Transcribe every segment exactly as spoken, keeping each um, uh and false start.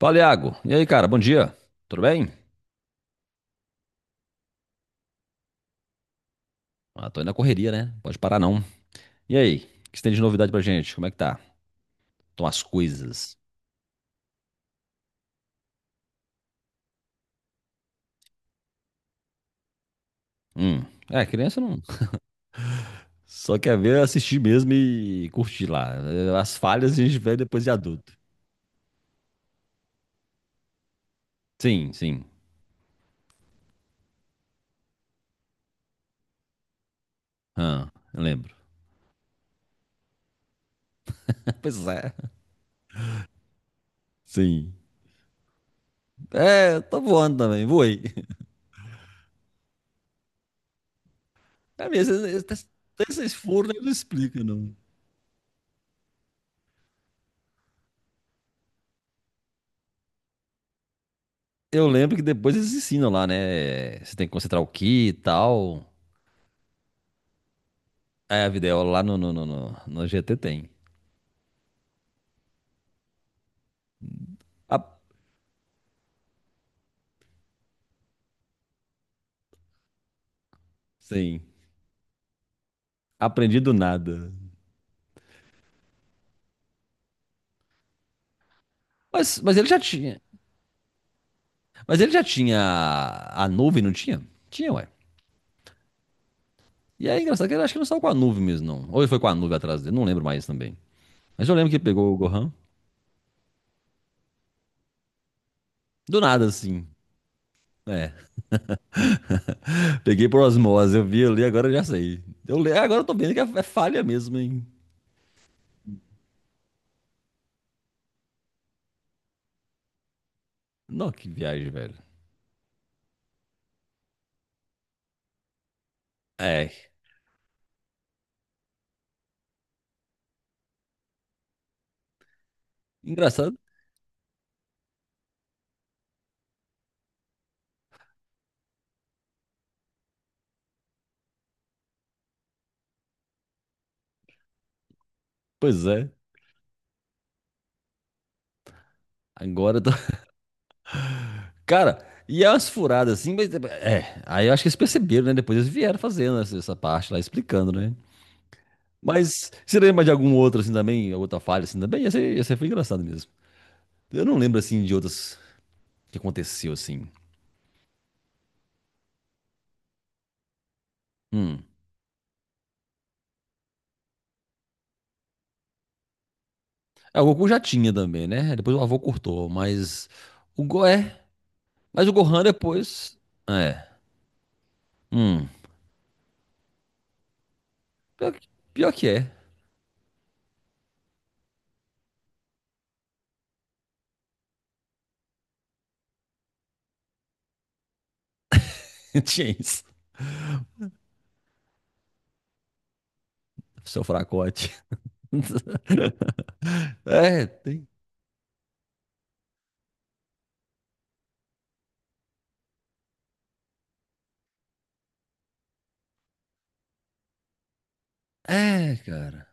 Fala, Iago. E aí, cara? Bom dia. Tudo bem? Ah, tô indo na correria, né? Pode parar não. E aí? O que você tem de novidade pra gente? Como é que tá? Estão as coisas? Hum. É, criança não. Só quer ver, assistir mesmo e curtir lá. Eh, As falhas a gente vê depois de adulto. Sim, sim. Ah, eu lembro. Pois é. Sim. É, eu tô voando também. Voei. É mesmo, esses, esses esses furos não explicam, não. Eu lembro que depois eles ensinam lá, né? Você tem que concentrar o que e tal. É, a videoaula lá no, no, no, no, no G T tem. A- sim. Aprendi do nada. Mas, mas ele já tinha. Mas ele já tinha a, a nuvem, não tinha? Tinha, ué. E aí, engraçado que ele acho que não saiu com a nuvem mesmo, não. Ou ele foi com a nuvem atrás dele, não lembro mais também. Mas eu lembro que ele pegou o Gohan. Do nada, assim. É. Peguei por osmose, eu vi ali, agora eu já sei. Eu, le- agora eu tô vendo que é, é falha mesmo, hein? Não, que viagem, velho. É. Engraçado. Pois é. Agora eu Cara, e é umas furadas assim, mas é. Aí eu acho que eles perceberam, né? Depois eles vieram fazendo essa, essa parte lá, explicando, né? Mas você lembra de algum outro assim também, outra falha assim também? Essa, essa foi engraçado mesmo. Eu não lembro assim de outras que aconteceu assim. Hum. É, o Goku já tinha também, né? Depois o avô cortou, mas o Go é. Mas o Gohan depois. É. Hum. Pior, que- pior que é. Tinha isso. Seu fracote. É, tem. É, cara.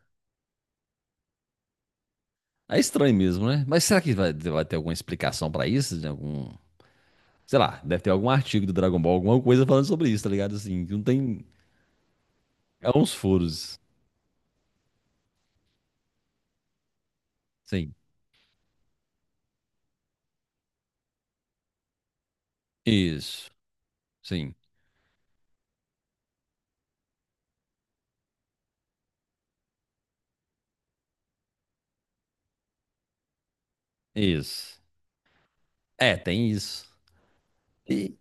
É estranho mesmo, né? Mas será que vai, vai ter alguma explicação pra isso? De algum, sei lá, deve ter algum artigo do Dragon Ball, alguma coisa falando sobre isso, tá ligado? Assim, que não tem. É uns furos. Sim. Isso. Sim. Isso. É, tem isso. E.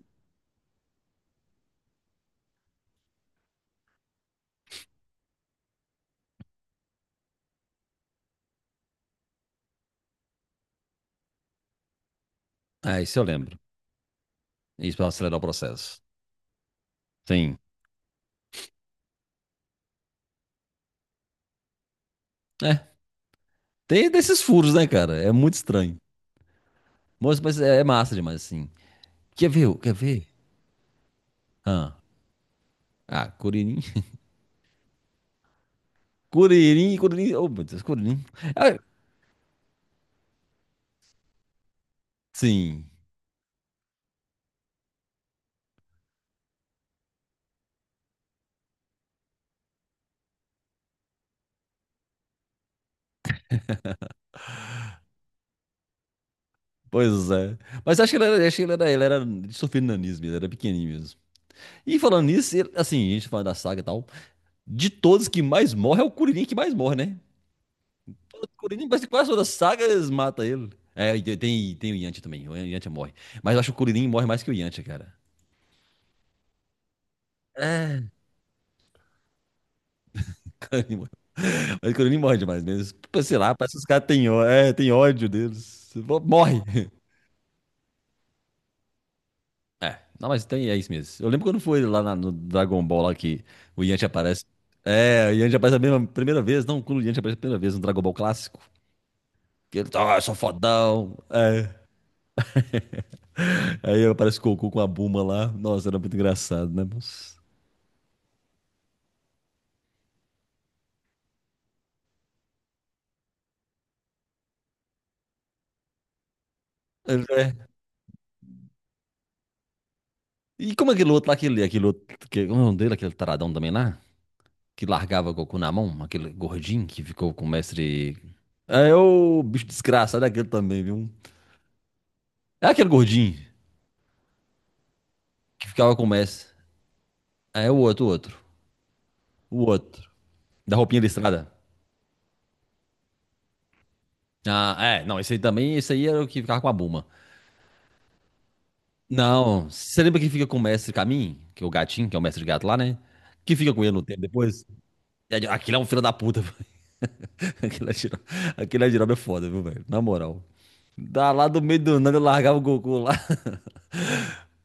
É, isso eu lembro. Isso pra acelerar o processo. Sim. É. Tem desses furos, né, cara? É muito estranho. Mas, mas é, é massa demais, assim. Quer ver? o- Quer ver? Ah, ah Curirim. Curirim, Curirim. Oh, meu Deus, Curirim. Ah, sim. Pois é. Mas acho que ele era, acho que ele era, ele era de sofrendo nanismo, ele era pequenininho mesmo. E falando nisso, ele- assim, a gente falando da saga e tal, de todos que mais morre é o Kuririn que mais morre, né? O Kuririn parece que quase todas as sagas mata ele. É, e tem, tem o Yantia também, o Yantia morre. Mas eu acho que o Kuririn morre mais que o Yantia, cara. É. Kuririn morre. Mas o Kuririn morre demais mesmo. Tipo, sei lá, parece que os caras têm ó- é, têm ódio deles. Morre. É, não, mas tem, é isso mesmo. Eu lembro quando foi lá na- no Dragon Ball lá que o Yanti aparece. É, o Yanti aparece a mesma- primeira vez, não, quando o Yanti aparece a primeira vez no Dragon Ball clássico. Que ele tá, ah, eu sou fodão. É. Aí aparece o Goku com a Buma lá. Nossa, era muito engraçado, né, moço? Ele é. E como aquele outro lá, aquele, aquele outro, que, como é o nome dele, aquele taradão também lá? Que largava o Goku na mão, aquele gordinho que ficou com o mestre. É é o bicho desgraçado, é aquele também, viu? É aquele gordinho que ficava com o mestre. É é o outro, o outro. O outro. Da roupinha listrada. Ah, é. Não, esse aí também, esse aí era o que ficava com a Buma. Não, você lembra que fica com o mestre Camin? Que é o gatinho, que é o mestre gato lá, né? Que fica com ele no tempo depois. Aquilo é um filho da puta. Aquilo é giroba, aquilo é, giroba é foda, viu, velho? Na moral. Da lá do meio do nada, eu largava o Goku lá.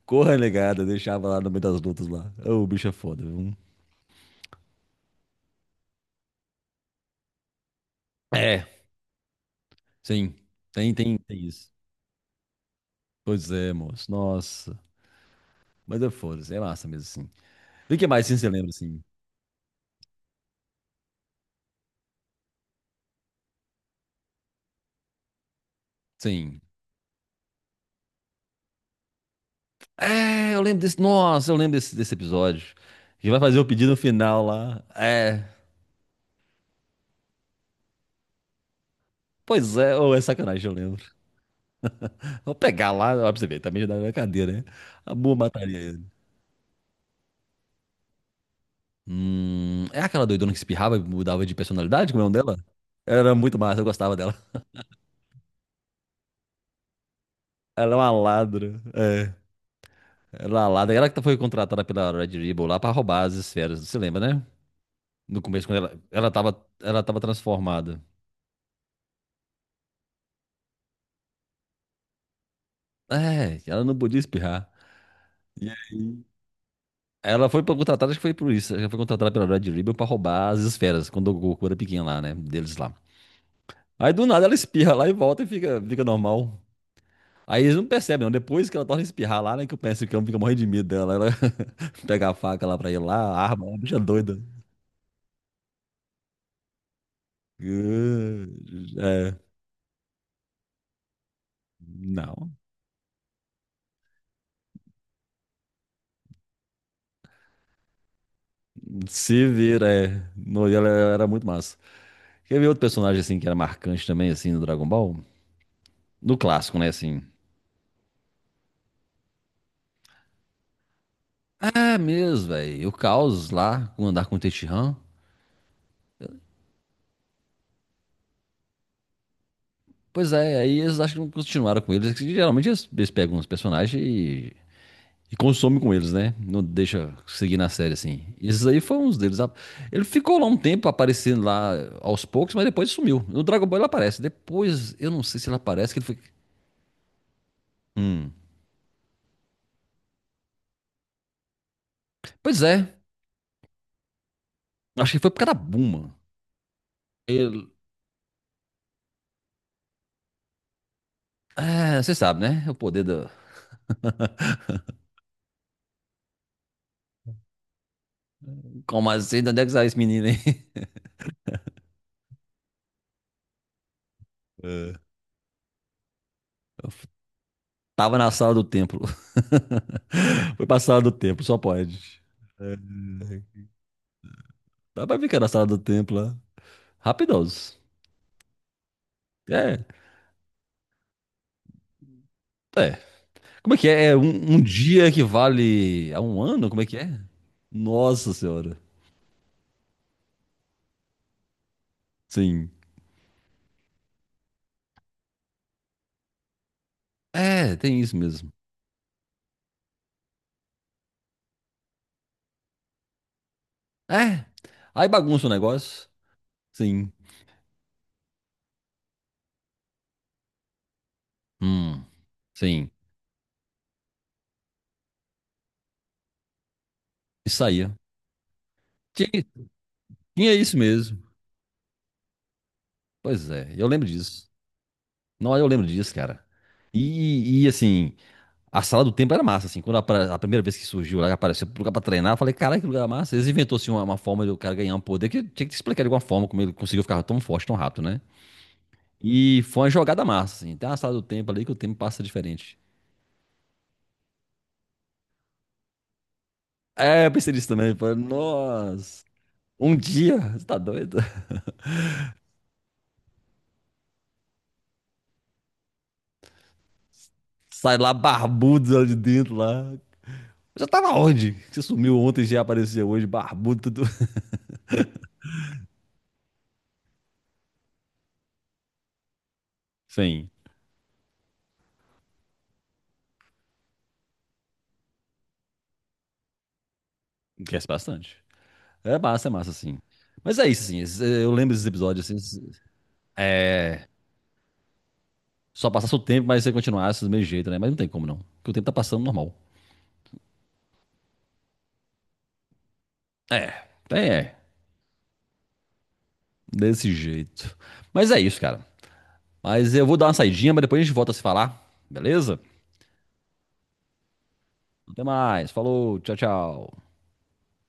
Corra, negada, deixava lá no meio das lutas lá. Ô, o bicho é foda, viu? É, sim. Tem, tem, tem isso. Pois é, moço. Nossa. Mas é foda, é massa mesmo, assim. E o que mais, assim, você lembra, assim? Sim. É, eu lembro desse. Nossa, eu lembro desse, desse episódio. Que vai fazer o pedido no final lá. É. Pois é, ou é sacanagem, eu lembro. Vou pegar lá, ó, pra você ver, também já dá na cadeira, né? A boa mataria ele. Hum, é aquela doidona que espirrava e mudava de personalidade, como é o nome dela? Era muito massa, eu gostava dela. Ela é uma ladra. É, ela é uma ladra. Ela que foi contratada pela Red Ribbon lá pra roubar as esferas, você lembra, né? No começo, quando ela, ela tava, ela tava transformada. É, ela não podia espirrar. Ela foi pra- contratada, acho que foi por isso. Ela foi contratada pela Red Ribbon pra roubar as esferas, quando o Goku era pequeno lá, né? Deles lá. Aí do nada ela espirra lá e volta e fica, fica normal. Aí eles não percebem, não. Depois que ela torna a espirrar lá, né? Que o Pensacão fica morrendo de medo dela. Ela pega a faca lá pra ir lá, a arma, uma bicha doida. Ah, é, não. Se vira, é. No, e ela era muito massa. Quer ver outro personagem assim que era marcante também, assim, no Dragon Ball? No clássico, né? Assim. É mesmo, velho. O Caos lá, com andar com o Tenshinhan. Pois é, aí eles acho que não continuaram com eles, que geralmente eles, eles pegam os personagens e, e consomem com eles, né? Não deixa seguir na série assim. Esses aí foi uns deles. a- Ele ficou lá um tempo aparecendo lá aos poucos, mas depois sumiu. No Dragon Ball ele aparece. Depois, eu não sei se ele aparece, que ele foi. Hum. Pois é, acho que foi por causa da Buma. Ele. É, você sabe, né? O poder do. Como assim? De onde é que saiu esse menino aí? É. Tava na sala do templo. Foi pra sala do templo, só pode. É, dá pra ficar na sala do tempo lá. Rapidosos. É, é. Como é que é? É um, um dia que vale a um ano? Como é que é? Nossa senhora. Sim. É, tem isso mesmo. É. Aí bagunça o negócio. Sim. Hum. Sim. E saía. Tinha, tinha isso mesmo. Pois é, eu lembro disso. Não, eu lembro disso, cara. E, e assim, a sala do templo era massa, assim. Quando a, a primeira vez que surgiu lá, apareceu pro lugar pra treinar, eu falei, caralho, que lugar massa. Eles inventou, assim, uma, uma forma do cara ganhar um poder que tinha que te explicar de alguma forma como ele conseguiu ficar tão forte, tão rápido, né? E foi uma jogada massa, assim. Tem uma sala do templo ali que o tempo passa diferente. É, eu pensei nisso também. Eu falei, nossa, um dia, você tá doido? Sai lá barbudo lá de dentro lá. Eu já tava onde? Você sumiu ontem, já apareceu hoje, barbudo, tudo. Sim, cresce bastante. É massa, é massa, assim. Mas é isso, assim. es- Eu lembro desses episódios, assim. É. Só passasse o tempo, mas você continuasse do mesmo jeito, né? Mas não tem como não. Porque o tempo tá passando normal. É. É. Desse jeito. Mas é isso, cara. Mas eu vou dar uma saidinha, mas depois a gente volta a se falar. Beleza? Até mais. Falou. Tchau, tchau.